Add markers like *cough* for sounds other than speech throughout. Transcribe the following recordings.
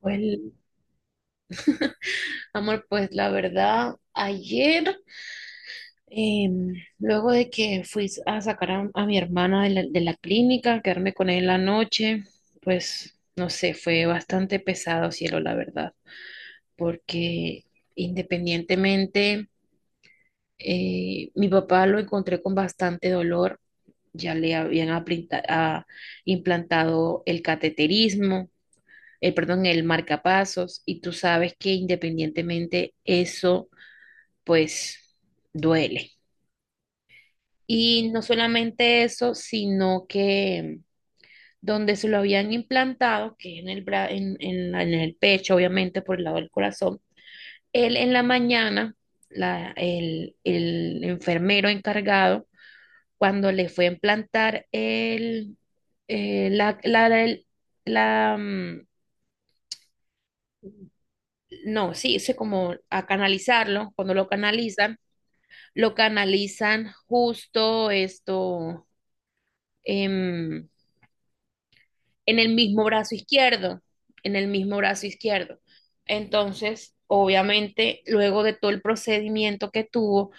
Pues, amor, pues la verdad, ayer, em, luego de que fui a sacar a mi hermana de la clínica, quedarme con él la noche, pues no sé, fue bastante pesado, cielo, la verdad, porque independientemente, mi papá lo encontré con bastante dolor, ya le habían implantado el cateterismo, perdón, el marcapasos, y tú sabes que independientemente eso pues duele. Y no solamente eso, sino que donde se lo habían implantado, que es en el, bra- en la- en el pecho, obviamente por el lado del corazón. Él en la mañana, el enfermero encargado, cuando le fue a implantar el, la, la, el- la, mm, no, sí, sé como a canalizarlo, cuando lo canalizan justo esto, em, en el mismo brazo izquierdo, en el mismo brazo izquierdo. Entonces, obviamente, luego de todo el procedimiento que tuvo,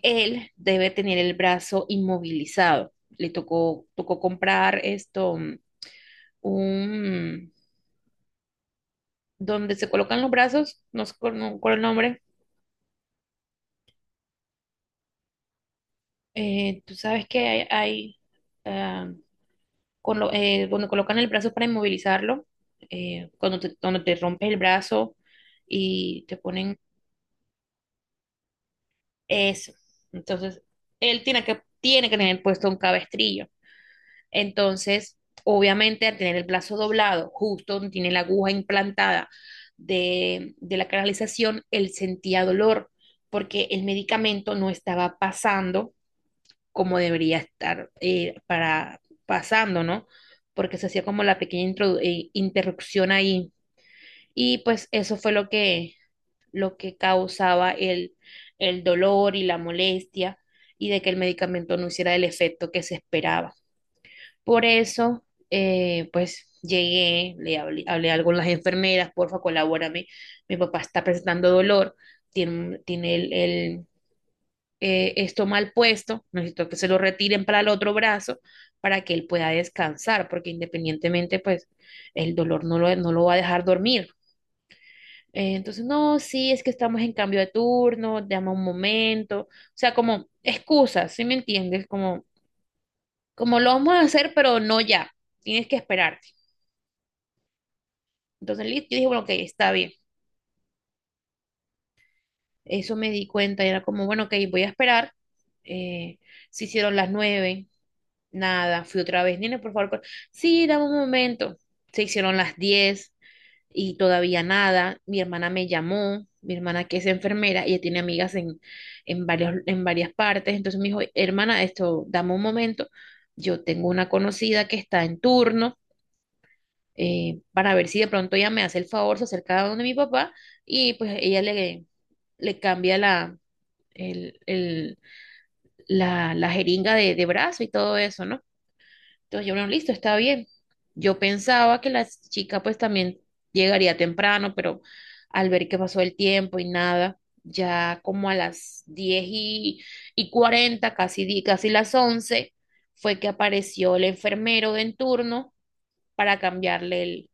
él debe tener el brazo inmovilizado. Le tocó comprar esto, un, donde se colocan los brazos, no sé cuál no, cuál es el nombre. Tú sabes que hay cuando colocan el brazo para inmovilizarlo, cuando te rompes el brazo y te ponen. Eso. Entonces, él tiene que tener puesto un cabestrillo. Entonces, obviamente, al tener el brazo doblado, justo donde tiene la aguja implantada de la canalización, él sentía dolor porque el medicamento no estaba pasando como debería estar para pasando, ¿no? Porque se hacía como la pequeña interrupción ahí. Y pues eso fue lo que causaba el dolor y la molestia, y de que el medicamento no hiciera el efecto que se esperaba. Por eso, pues llegué, hablé algo con las enfermeras: porfa, colabórame, mi papá está presentando dolor, tiene esto mal puesto, necesito que se lo retiren para el otro brazo para que él pueda descansar, porque independientemente, pues el dolor no lo va a dejar dormir. Entonces, no, sí, es que estamos en cambio de turno, llama un momento, o sea, como excusas, ¿sí me entiendes? Como lo vamos a hacer, pero no ya, tienes que esperarte. Entonces, listo, yo dije, bueno, ok, está bien. Eso me di cuenta, y era como, bueno, ok, voy a esperar. Eh, se hicieron las 9, nada, fui otra vez, nene, por favor, sí, dame un momento. Se hicieron las 10, y todavía nada. Mi hermana me llamó, mi hermana que es enfermera, ella tiene amigas en varias partes, entonces me dijo, hermana, esto, dame un momento, yo tengo una conocida que está en turno, para ver si de pronto ella me hace el favor, se acerca a donde mi papá y pues ella le cambia la, el- la jeringa de brazo y todo eso, ¿no? Entonces yo, bueno, listo, está bien. Yo pensaba que la chica pues también llegaría temprano, pero al ver que pasó el tiempo y nada, ya como a las 10 y 40, casi las 11, fue que apareció el enfermero de en turno para cambiarle el,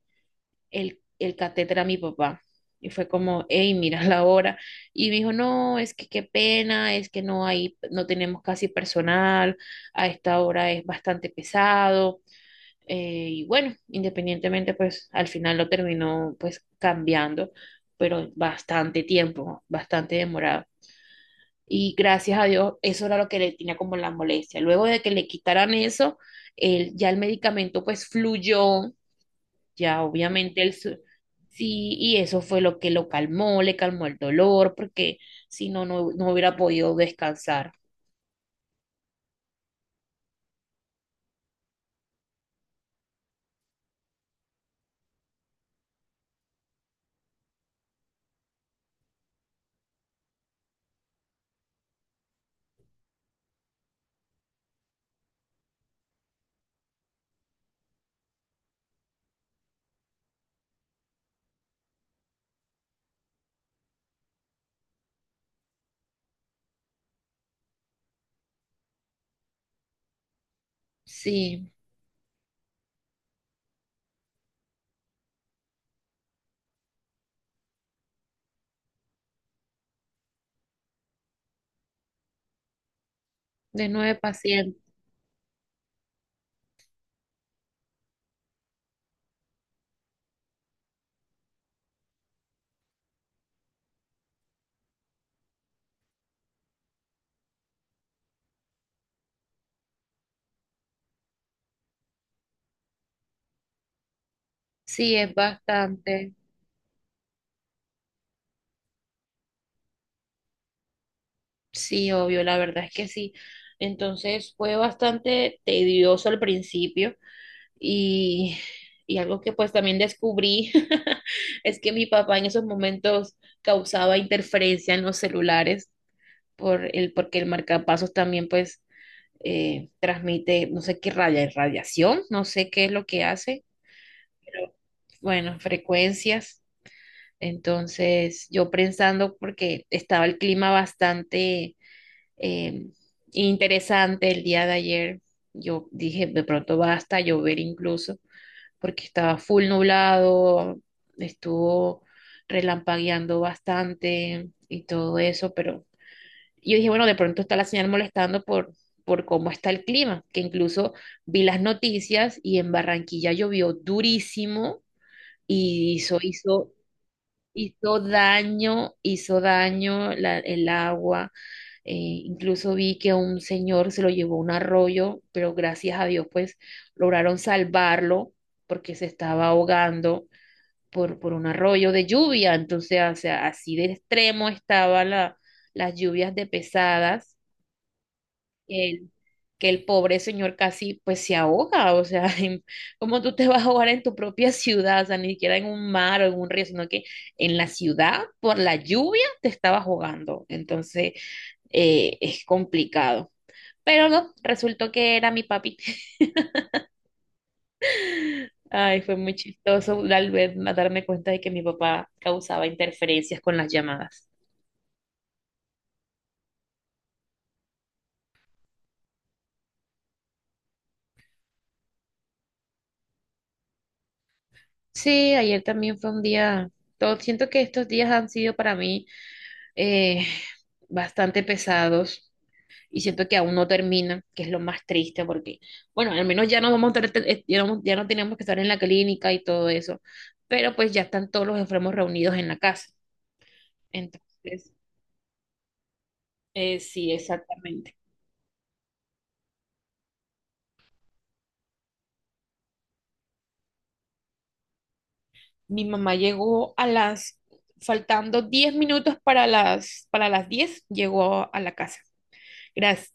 el, el catéter a mi papá. Y fue como, hey, mira la hora. Y me dijo, no, es que qué pena, es que no tenemos casi personal, a esta hora es bastante pesado. Y bueno, independientemente, pues al final lo terminó pues cambiando, pero bastante tiempo, bastante demorado. Y gracias a Dios, eso era lo que le tenía como la molestia. Luego de que le quitaran eso, él, ya el medicamento pues fluyó, ya obviamente sí, y eso fue lo que lo calmó, le calmó el dolor, porque si no, no hubiera podido descansar. Sí, de nueve pacientes. Sí, es bastante. Sí, obvio, la verdad es que sí. Entonces fue bastante tedioso al principio y, *laughs* y algo que pues también descubrí *laughs* es que mi papá en esos momentos causaba interferencia en los celulares por el, porque el marcapasos también pues transmite, no sé qué raya, radiación, no sé qué es lo que hace, pero bueno, frecuencias. Entonces yo pensando porque estaba el clima bastante eh, interesante el día de ayer. Yo dije, de pronto basta llover incluso, porque estaba full nublado, estuvo relampagueando bastante y todo eso, pero yo dije, bueno, de pronto está la señal molestando por cómo está el clima, que incluso vi las noticias y en Barranquilla llovió durísimo y hizo daño el agua, incluso vi que un señor se lo llevó un arroyo, pero gracias a Dios, pues lograron salvarlo porque se estaba ahogando por un arroyo de lluvia. Entonces, o sea, así de extremo estaban las lluvias de pesadas, que el, que el pobre señor casi pues se ahoga. O sea, *laughs* ¿cómo tú te vas a ahogar en tu propia ciudad? O sea, ni siquiera en un mar o en un río, sino que en la ciudad, por la lluvia, te estabas ahogando. Entonces, es complicado. Pero no, resultó que era mi papi. *laughs* Ay, fue muy chistoso a darme cuenta de que mi papá causaba interferencias con las llamadas. Sí, ayer también fue un día, todo, siento que estos días han sido para mí eh, bastante pesados, y siento que aún no terminan, que es lo más triste porque, bueno, al menos ya no vamos a tener- ya no, ya no tenemos que estar en la clínica y todo eso, pero pues ya están todos los enfermos reunidos en la casa. Entonces, sí, exactamente. Mi mamá llegó faltando 10 minutos para las diez, llegó a la casa. Gracias.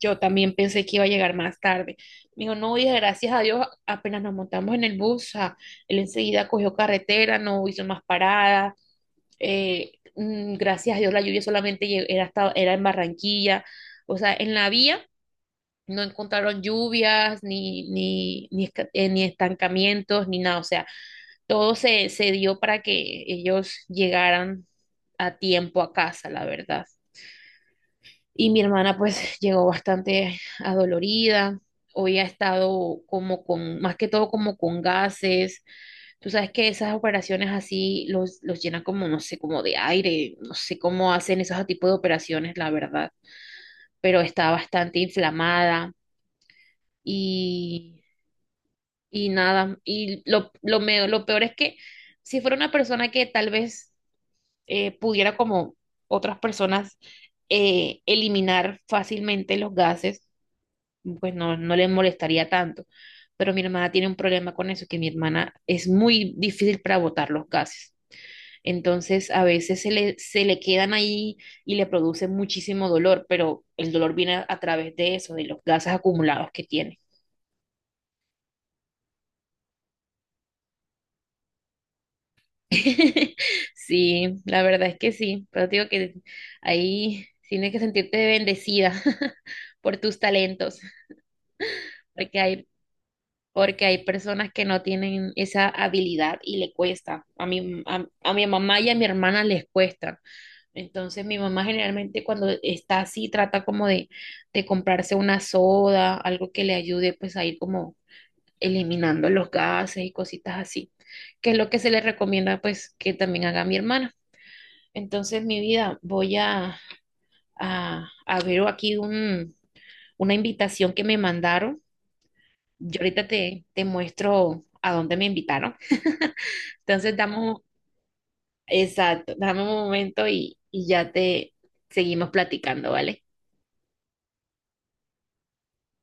Yo también pensé que iba a llegar más tarde. Me dijo, no, hija, gracias a Dios, apenas nos montamos en el bus, o él enseguida cogió carretera, no hizo más paradas. Gracias a Dios, la lluvia solamente era en Barranquilla. O sea, en la vía no encontraron lluvias, ni estancamientos, ni nada. O sea, todo se dio para que ellos llegaran a tiempo a casa, la verdad. Y mi hermana pues *laughs* llegó bastante adolorida, hoy ha estado más que todo como con gases. Tú sabes que esas operaciones así los llenan como, no sé, como de aire, no sé cómo hacen esos tipos de operaciones, la verdad, pero está bastante inflamada, y, y nada, y lo peor es que si fuera una persona que tal vez pudiera como otras personas eliminar fácilmente los gases, pues no le molestaría tanto. Pero mi hermana tiene un problema con eso, que mi hermana es muy difícil para botar los gases. Entonces, a veces se le quedan ahí y le produce muchísimo dolor, pero el dolor viene a través de eso, de los gases acumulados que tiene. *laughs* Sí, la verdad es que sí, pero te digo que ahí tienes que sentirte bendecida *laughs* por tus talentos. porque hay, porque hay personas que no tienen esa habilidad y le cuesta. A mi mamá y a mi hermana les cuesta. Entonces mi mamá generalmente cuando está así trata como de comprarse una soda, algo que le ayude pues a ir como eliminando los gases y cositas así, que es lo que se le recomienda pues que también haga mi hermana. Entonces mi vida voy a ver aquí una invitación que me mandaron. Yo ahorita te muestro a dónde me invitaron. Entonces, exacto, dame un momento y ya te seguimos platicando, ¿vale?